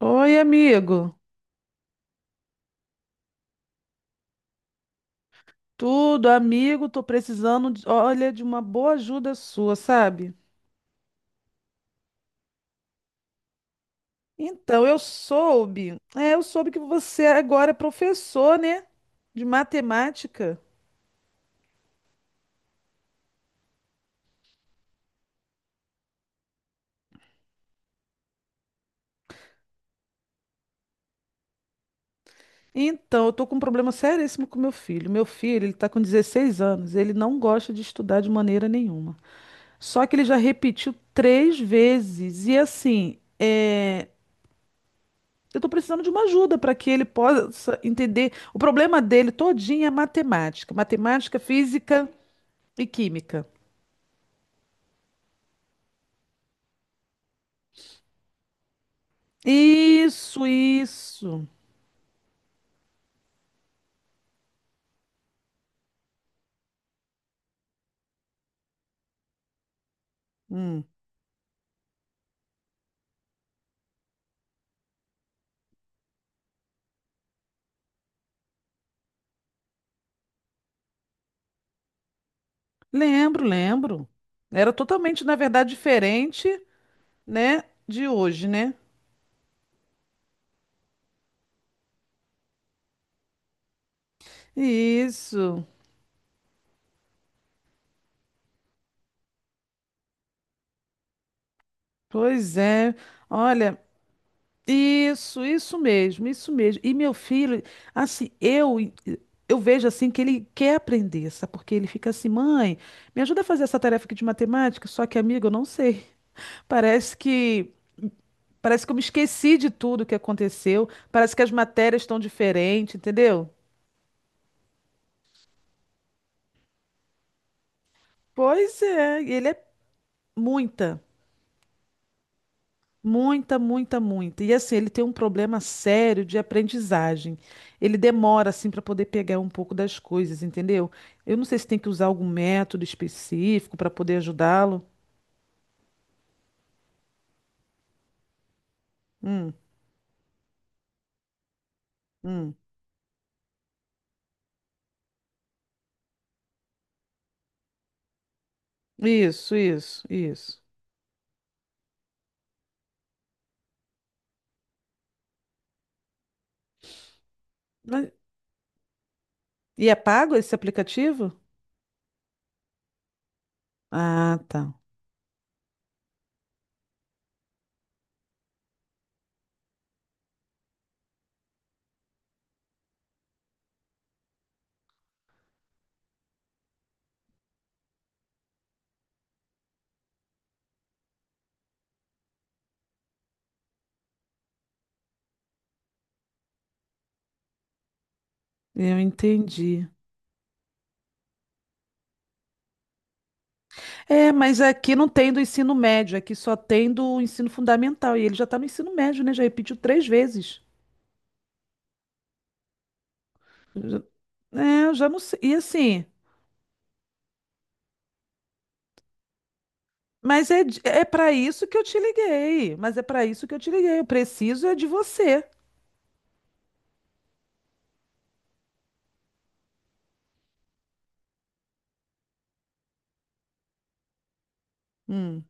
Oi, amigo. Tudo, amigo, tô precisando, olha, de uma boa ajuda sua, sabe? Então, eu soube que você agora é professor, né, de matemática. Então, eu tô com um problema seríssimo com meu filho. Meu filho, ele tá com 16 anos, ele não gosta de estudar de maneira nenhuma. Só que ele já repetiu três vezes, e assim, eu tô precisando de uma ajuda para que ele possa entender. O problema dele todinho é matemática, física e química. Isso, isso. Hum. Lembro, lembro. Era totalmente, na verdade, diferente, né, de hoje, né? Isso. Pois é. Olha, isso mesmo, isso mesmo. E meu filho, assim, eu vejo assim que ele quer aprender, sabe? Porque ele fica assim, mãe, me ajuda a fazer essa tarefa aqui de matemática, só que, amigo, eu não sei. Parece que parece que eu me esqueci de tudo que aconteceu, parece que as matérias estão diferentes, entendeu? Pois é, e ele é muita. Muita, muita, muita. E assim, ele tem um problema sério de aprendizagem. Ele demora assim para poder pegar um pouco das coisas, entendeu? Eu não sei se tem que usar algum método específico para poder ajudá-lo. Hum, hum. Isso, isso, isso. Mas- E é pago esse aplicativo? Ah, tá. Eu entendi. É, mas aqui não tem do ensino médio, aqui só tem do ensino fundamental. E ele já está no ensino médio, né? Já repetiu três vezes. Já- É, eu já não sei. E assim. Mas é, é para isso que eu te liguei. Mas é para isso que eu te liguei. Eu preciso é de você. Hum,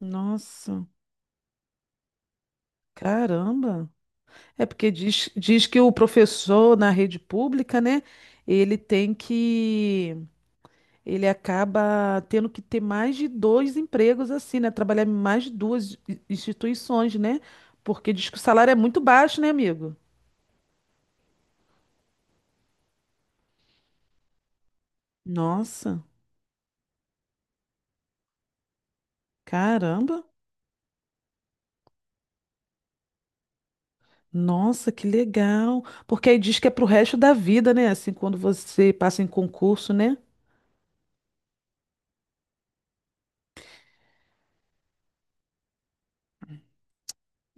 nossa, caramba. É porque diz que o professor na rede pública, né? Ele tem que. Ele acaba tendo que ter mais de dois empregos, assim, né? Trabalhar em mais de duas instituições, né? Porque diz que o salário é muito baixo, né, amigo? Nossa, caramba. Nossa, que legal. Porque aí diz que é pro resto da vida, né? Assim, quando você passa em concurso, né?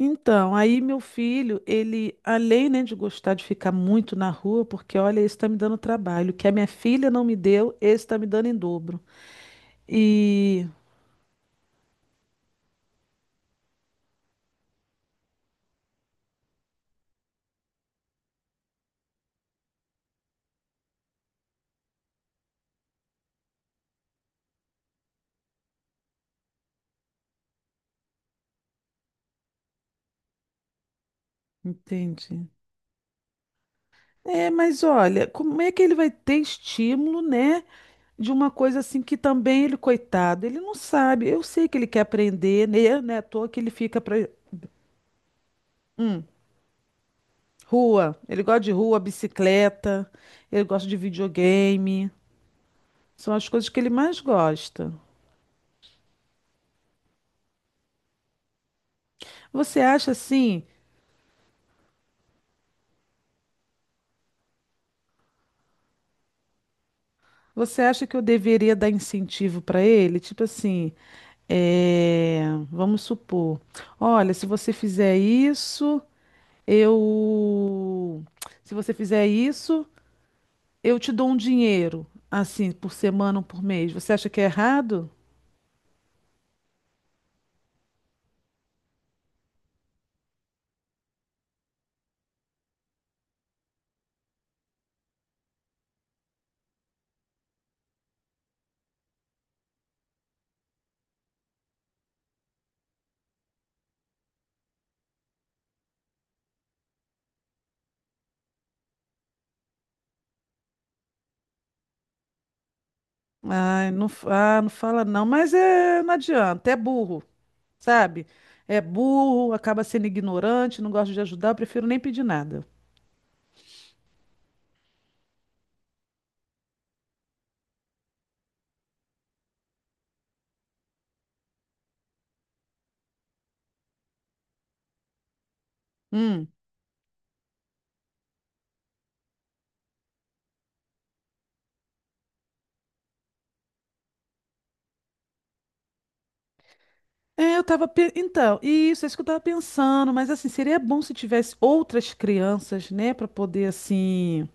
Então, aí meu filho, ele, além, né, de gostar de ficar muito na rua, porque olha, esse tá me dando trabalho. O que a minha filha não me deu, esse tá me dando em dobro. E. Entendi. É, mas olha, como é que ele vai ter estímulo, né? De uma coisa assim que também ele, coitado, ele não sabe. Eu sei que ele quer aprender, né? Não é à toa que ele fica pra, rua. Ele gosta de rua, bicicleta, ele gosta de videogame. São as coisas que ele mais gosta. Você acha assim? Você acha que eu deveria dar incentivo para ele? Tipo assim, vamos supor, olha, se você fizer isso, eu, se você fizer isso, eu te dou um dinheiro, assim, por semana ou por mês. Você acha que é errado? Ai, não, não fala não, mas é, não adianta, é burro. Sabe? É burro, acaba sendo ignorante, não gosta de ajudar, eu prefiro nem pedir nada. Hum. É, então, isso, é isso que eu tava pensando, mas assim, seria bom se tivesse outras crianças, né, pra poder, assim,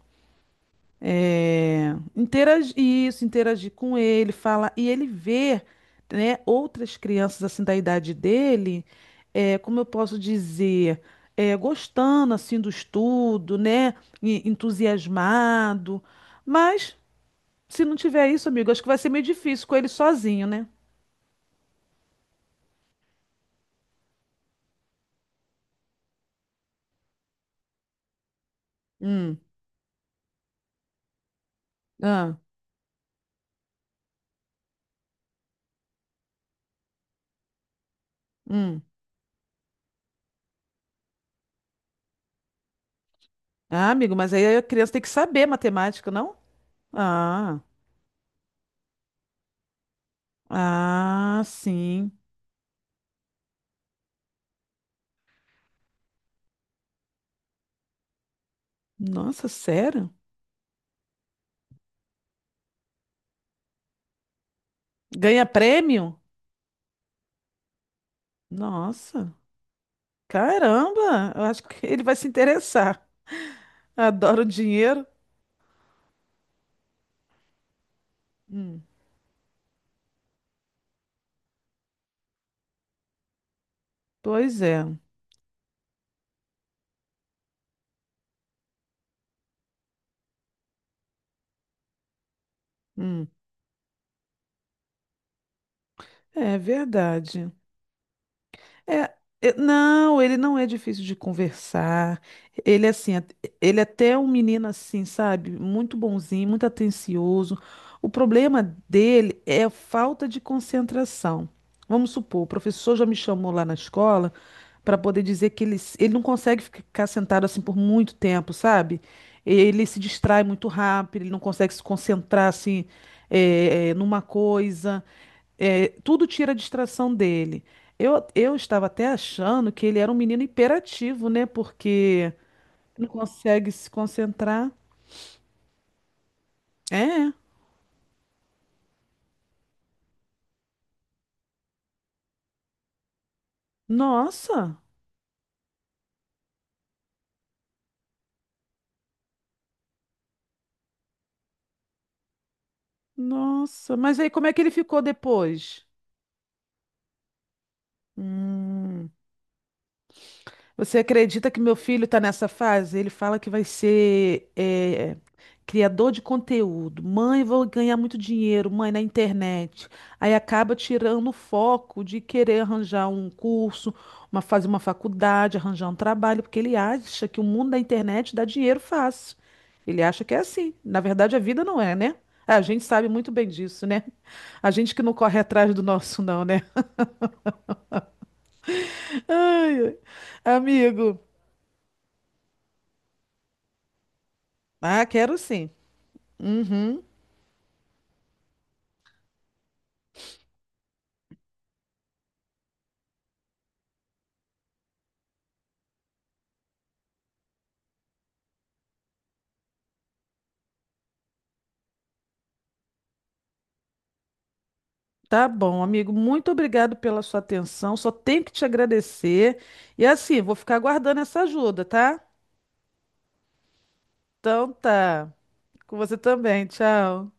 é, interagir com ele, falar, e ele ver, né, outras crianças, assim, da idade dele, como eu posso dizer, gostando, assim, do estudo, né, e entusiasmado, mas. Se não tiver isso, amigo, acho que vai ser meio difícil com ele sozinho, né? Hum. Ah, hum. Ah, amigo, mas aí a criança tem que saber matemática, não? Ah, ah, sim. Nossa, sério? Ganha prêmio? Nossa, caramba! Eu acho que ele vai se interessar. Adoro dinheiro. Hum, pois é. Hum, é verdade. É, não, ele não é difícil de conversar. Ele é assim, ele é até um menino assim, sabe? Muito bonzinho, muito atencioso. O problema dele é a falta de concentração. Vamos supor, o professor já me chamou lá na escola para poder dizer que ele, ele não consegue ficar sentado assim por muito tempo, sabe? Ele se distrai muito rápido, ele não consegue se concentrar assim, numa coisa. É, tudo tira a distração dele. Eu estava até achando que ele era um menino hiperativo, né? Porque não consegue se concentrar. É, nossa, nossa. Mas aí como é que ele ficou depois? Hum. Você acredita que meu filho está nessa fase? Ele fala que vai ser criador de conteúdo. Mãe, vou ganhar muito dinheiro, mãe, na internet. Aí acaba tirando o foco de querer arranjar um curso, uma, fazer uma faculdade, arranjar um trabalho, porque ele acha que o mundo da internet dá dinheiro fácil. Ele acha que é assim. Na verdade, a vida não é, né? Ah, a gente sabe muito bem disso, né? A gente que não corre atrás do nosso, não, né? Ai, ai, amigo. Ah, quero sim. Tá bom, amigo. Muito obrigado pela sua atenção. Só tenho que te agradecer. E assim, vou ficar aguardando essa ajuda, tá? Então tá. Com você também. Tchau.